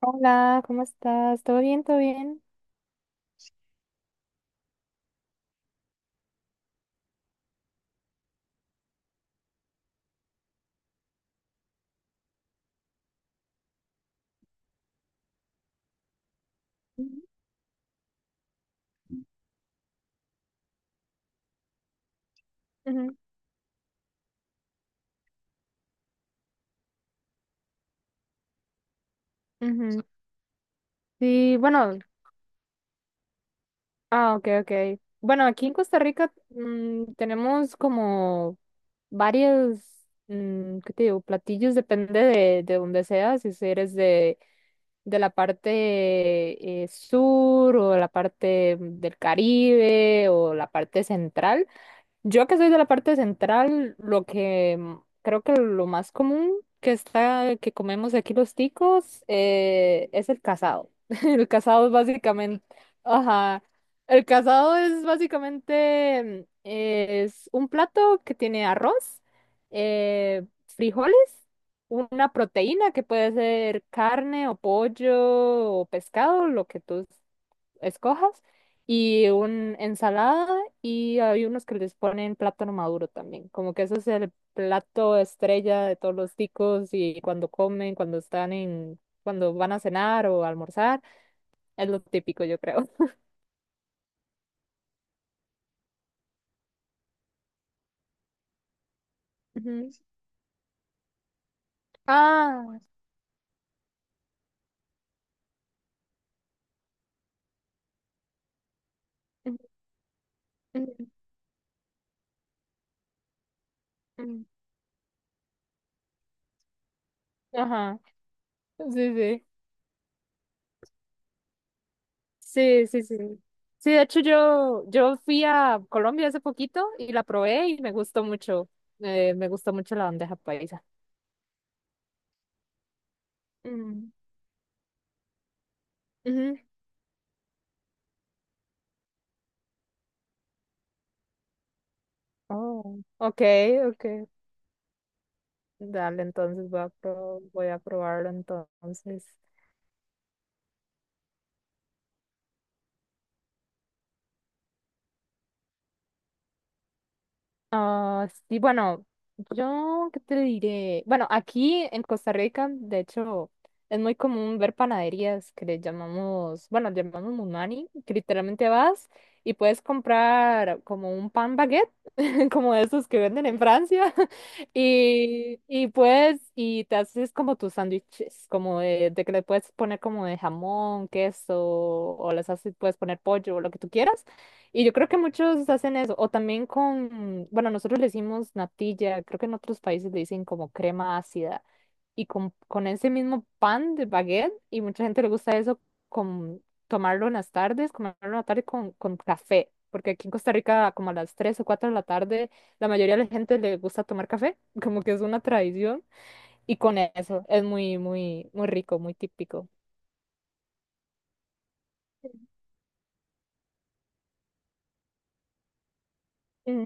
Hola, ¿cómo estás? ¿Todo bien? ¿Todo bien? Ujú, ujú. Ujú. Sí, bueno, ah, ok, ok. Bueno, aquí en Costa Rica tenemos como varios, ¿qué te digo? Platillos, depende de donde seas, si eres de la parte sur o la parte del Caribe o la parte central. Yo que soy de la parte central, lo que creo que lo más común que comemos aquí los ticos, es el casado. El casado es básicamente, ajá, el casado es básicamente, es un plato que tiene arroz, eh, frijoles, una proteína que puede ser carne o pollo o pescado, lo que tú escojas, y una ensalada, y hay unos que les ponen plátano maduro también, como que ese es el plato estrella de todos los ticos y cuando comen, cuando van a cenar o almorzar, es lo típico, yo creo. Ujú. Ah, ujú, ujú, ujú. Ajá, sí, sí, sí, sí, sí. Sí, de hecho yo fui a Colombia hace poquito y la probé y me gustó mucho la bandeja paisa. Mm. Ujú. Oh, ok, ok. Dale, entonces voy a probarlo entonces. Ah, sí, bueno, yo qué te diré. Bueno, aquí en Costa Rica, de hecho, es muy común ver panaderías que le llamamos, bueno, le llamamos munani, que literalmente vas y puedes comprar como un pan baguette, como esos que venden en Francia, y puedes, y te haces como tus sándwiches, como de que le puedes poner como de jamón, queso, o les haces, puedes poner pollo, o lo que tú quieras. Y yo creo que muchos hacen eso, o también con, bueno, nosotros le decimos natilla, creo que en otros países le dicen como crema ácida, y con ese mismo pan de baguette, y mucha gente le gusta eso, con tomarlo en las tardes, comerlo en la tarde con café, porque aquí en Costa Rica como a las 3 o 4 de la tarde, la mayoría de la gente le gusta tomar café, como que es una tradición, y con eso es muy, muy, muy rico, muy típico. Mm.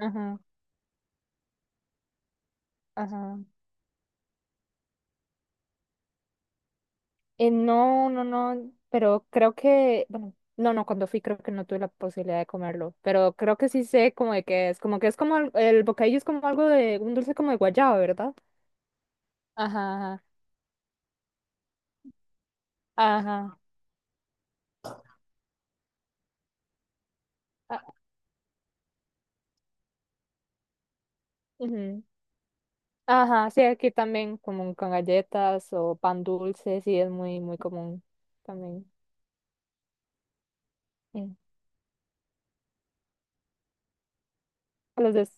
Ajá, ajá. No, no, no, pero creo que, bueno, no, no, cuando fui creo que no tuve la posibilidad de comerlo, pero creo que sí sé como de qué es, como que es como el bocadillo es como algo de, un dulce como de guayaba, ¿verdad? Ajá, ajá, ajá, ah, ujú. Ajá, sí, aquí también como con galletas o pan dulce, sí, es muy, muy común también. Sí. Los des-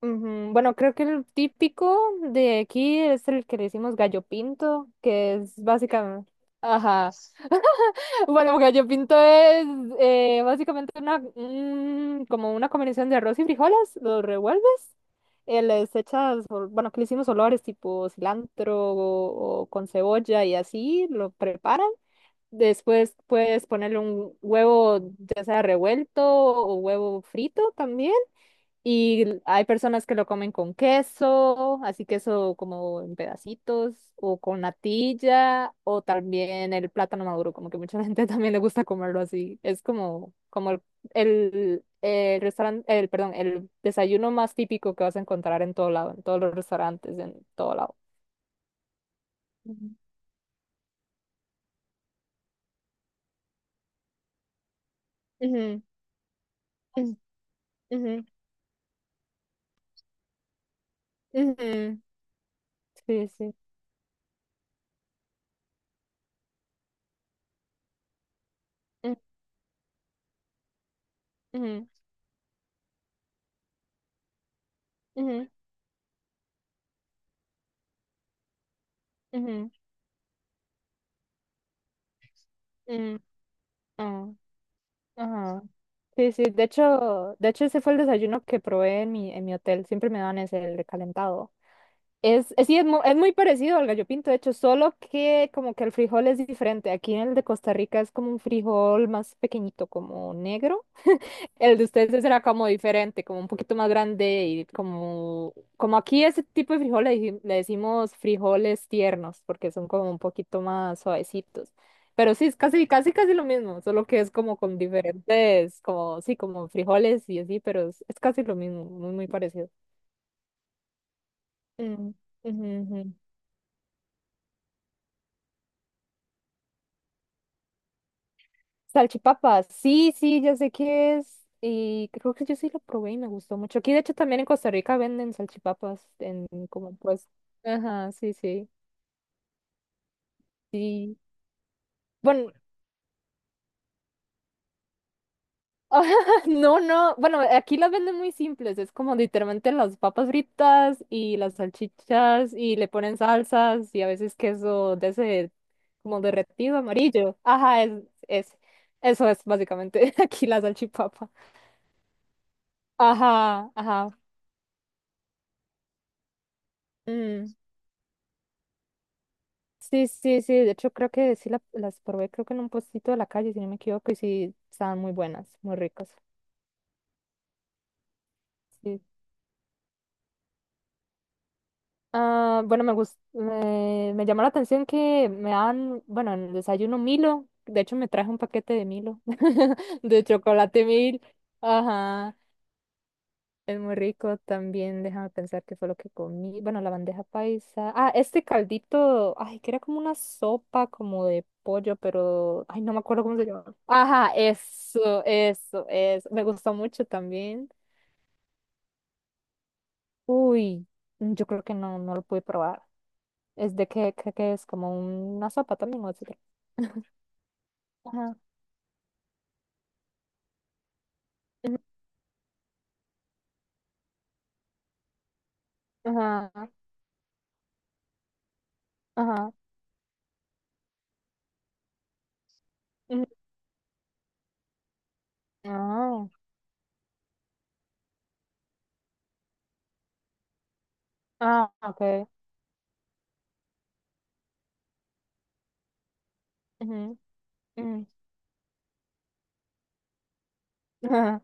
Ujú. Bueno, creo que el típico de aquí es el que le decimos gallo pinto, que es básicamente. Ajá. Bueno, porque yo pinto es básicamente como una combinación de arroz y frijoles, los revuelves, les echas, bueno, que le hicimos olores tipo cilantro o, con cebolla y así, lo preparan. Después puedes ponerle un huevo, ya sea revuelto o huevo frito también. Y hay personas que lo comen con queso, así queso como en pedacitos, o con natilla, o también el plátano maduro, como que mucha gente también le gusta comerlo así. Es como el, el restaurante, el, perdón, el desayuno más típico que vas a encontrar en todo lado, en todos los restaurantes, en todo lado. Ujú. Ujú, ujú, ujú, ujú. Sí, sí. Ujú, ujú, ujú, ujú, ujú. Ah. Ajá. Sí, sí, de hecho, de hecho, ese fue el desayuno que probé en mi hotel, siempre me dan ese, el recalentado. Es, sí, es muy parecido al gallo pinto, de hecho, solo que como que el frijol es diferente. Aquí en el de Costa Rica es como un frijol más pequeñito, como negro. El de ustedes será como diferente, como un poquito más grande y como aquí ese tipo de frijoles le decimos frijoles tiernos porque son como un poquito más suavecitos. Pero sí, es casi, casi, casi lo mismo, solo que es como con diferentes, como, sí, como frijoles y así, pero es casi lo mismo, muy, muy parecido. Mm, ujú, ujú. Salchipapa, sí, sí, ya sé qué es. Y creo que yo sí lo probé y me gustó mucho. Aquí, de hecho, también en Costa Rica venden salchipapas en como pues. Ajá, sí, sí. Sí. Bueno, no, no. Bueno, aquí las venden muy simples. Es como literalmente las papas fritas y las salchichas y le ponen salsas y a veces queso de ese como derretido amarillo. Ajá, es, eso es básicamente aquí la salchipapa. Ajá, ajá. mm, Sí, sí, sí. De hecho, creo que sí las probé, creo que en un puestito de la calle, si no me equivoco, y sí, estaban muy buenas, muy ricas. Sí. Ah, bueno, me llamó la atención que me dan, bueno, en el desayuno Milo. De hecho, me traje un paquete de Milo, de chocolate Mil. Ajá, es muy rico también. Déjame pensar qué fue lo que comí. Bueno, la bandeja paisa. Ah, este caldito, ay, que era como una sopa como de pollo, pero, ay, no me acuerdo cómo se llama. Ajá, eso, eso, eso. Me gustó mucho también. Uy, yo creo que no, no lo pude probar. Es de que es como una sopa también, o etcétera. Ajá. Ujú. Ajá. Ajá. Ujú. Ah, ah, ok. Ujú, ujú, ajá,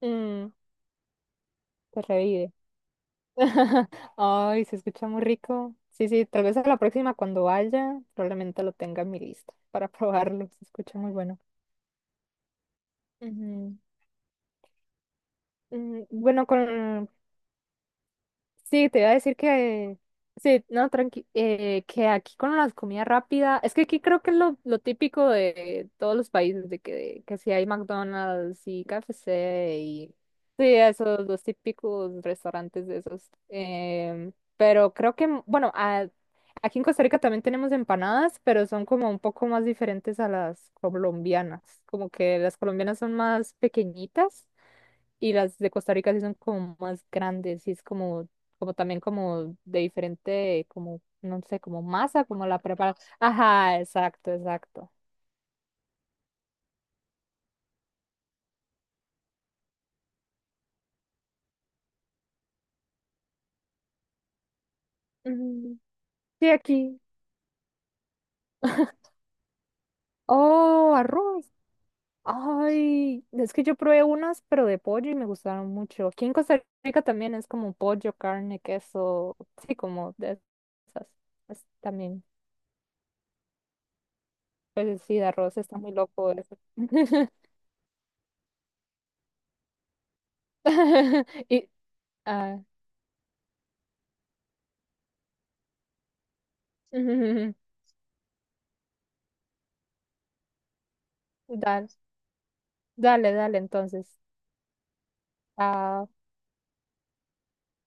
mm. Te revive. Ay, se escucha muy rico. Sí, sí, tal vez a la próxima cuando vaya, probablemente lo tenga en mi lista para probarlo. Se escucha muy bueno. Ujú, ujú. Bueno, con. Sí, te iba a decir que, sí, no, tranqui, que aquí con las comidas rápidas, es que aquí creo que es lo típico de todos los países, de que si hay McDonald's y KFC y, sí, esos, los típicos restaurantes de esos. Pero creo que, bueno, aquí en Costa Rica también tenemos empanadas, pero son como un poco más diferentes a las colombianas, como que las colombianas son más pequeñitas y las de Costa Rica sí son como más grandes y es como también como de diferente, como, no sé, como masa, como la preparan. Ajá, exacto, exacto. Mm. Sí, aquí. Oh, arroz. Ay, es que yo probé unas, pero de pollo y me gustaron mucho. Aquí en Costa Rica también es como pollo, carne, queso, sí, como de esas. Es también, pues sí, de arroz está muy loco eso. Y, ah, dale. Dale, dale, entonces. Ah,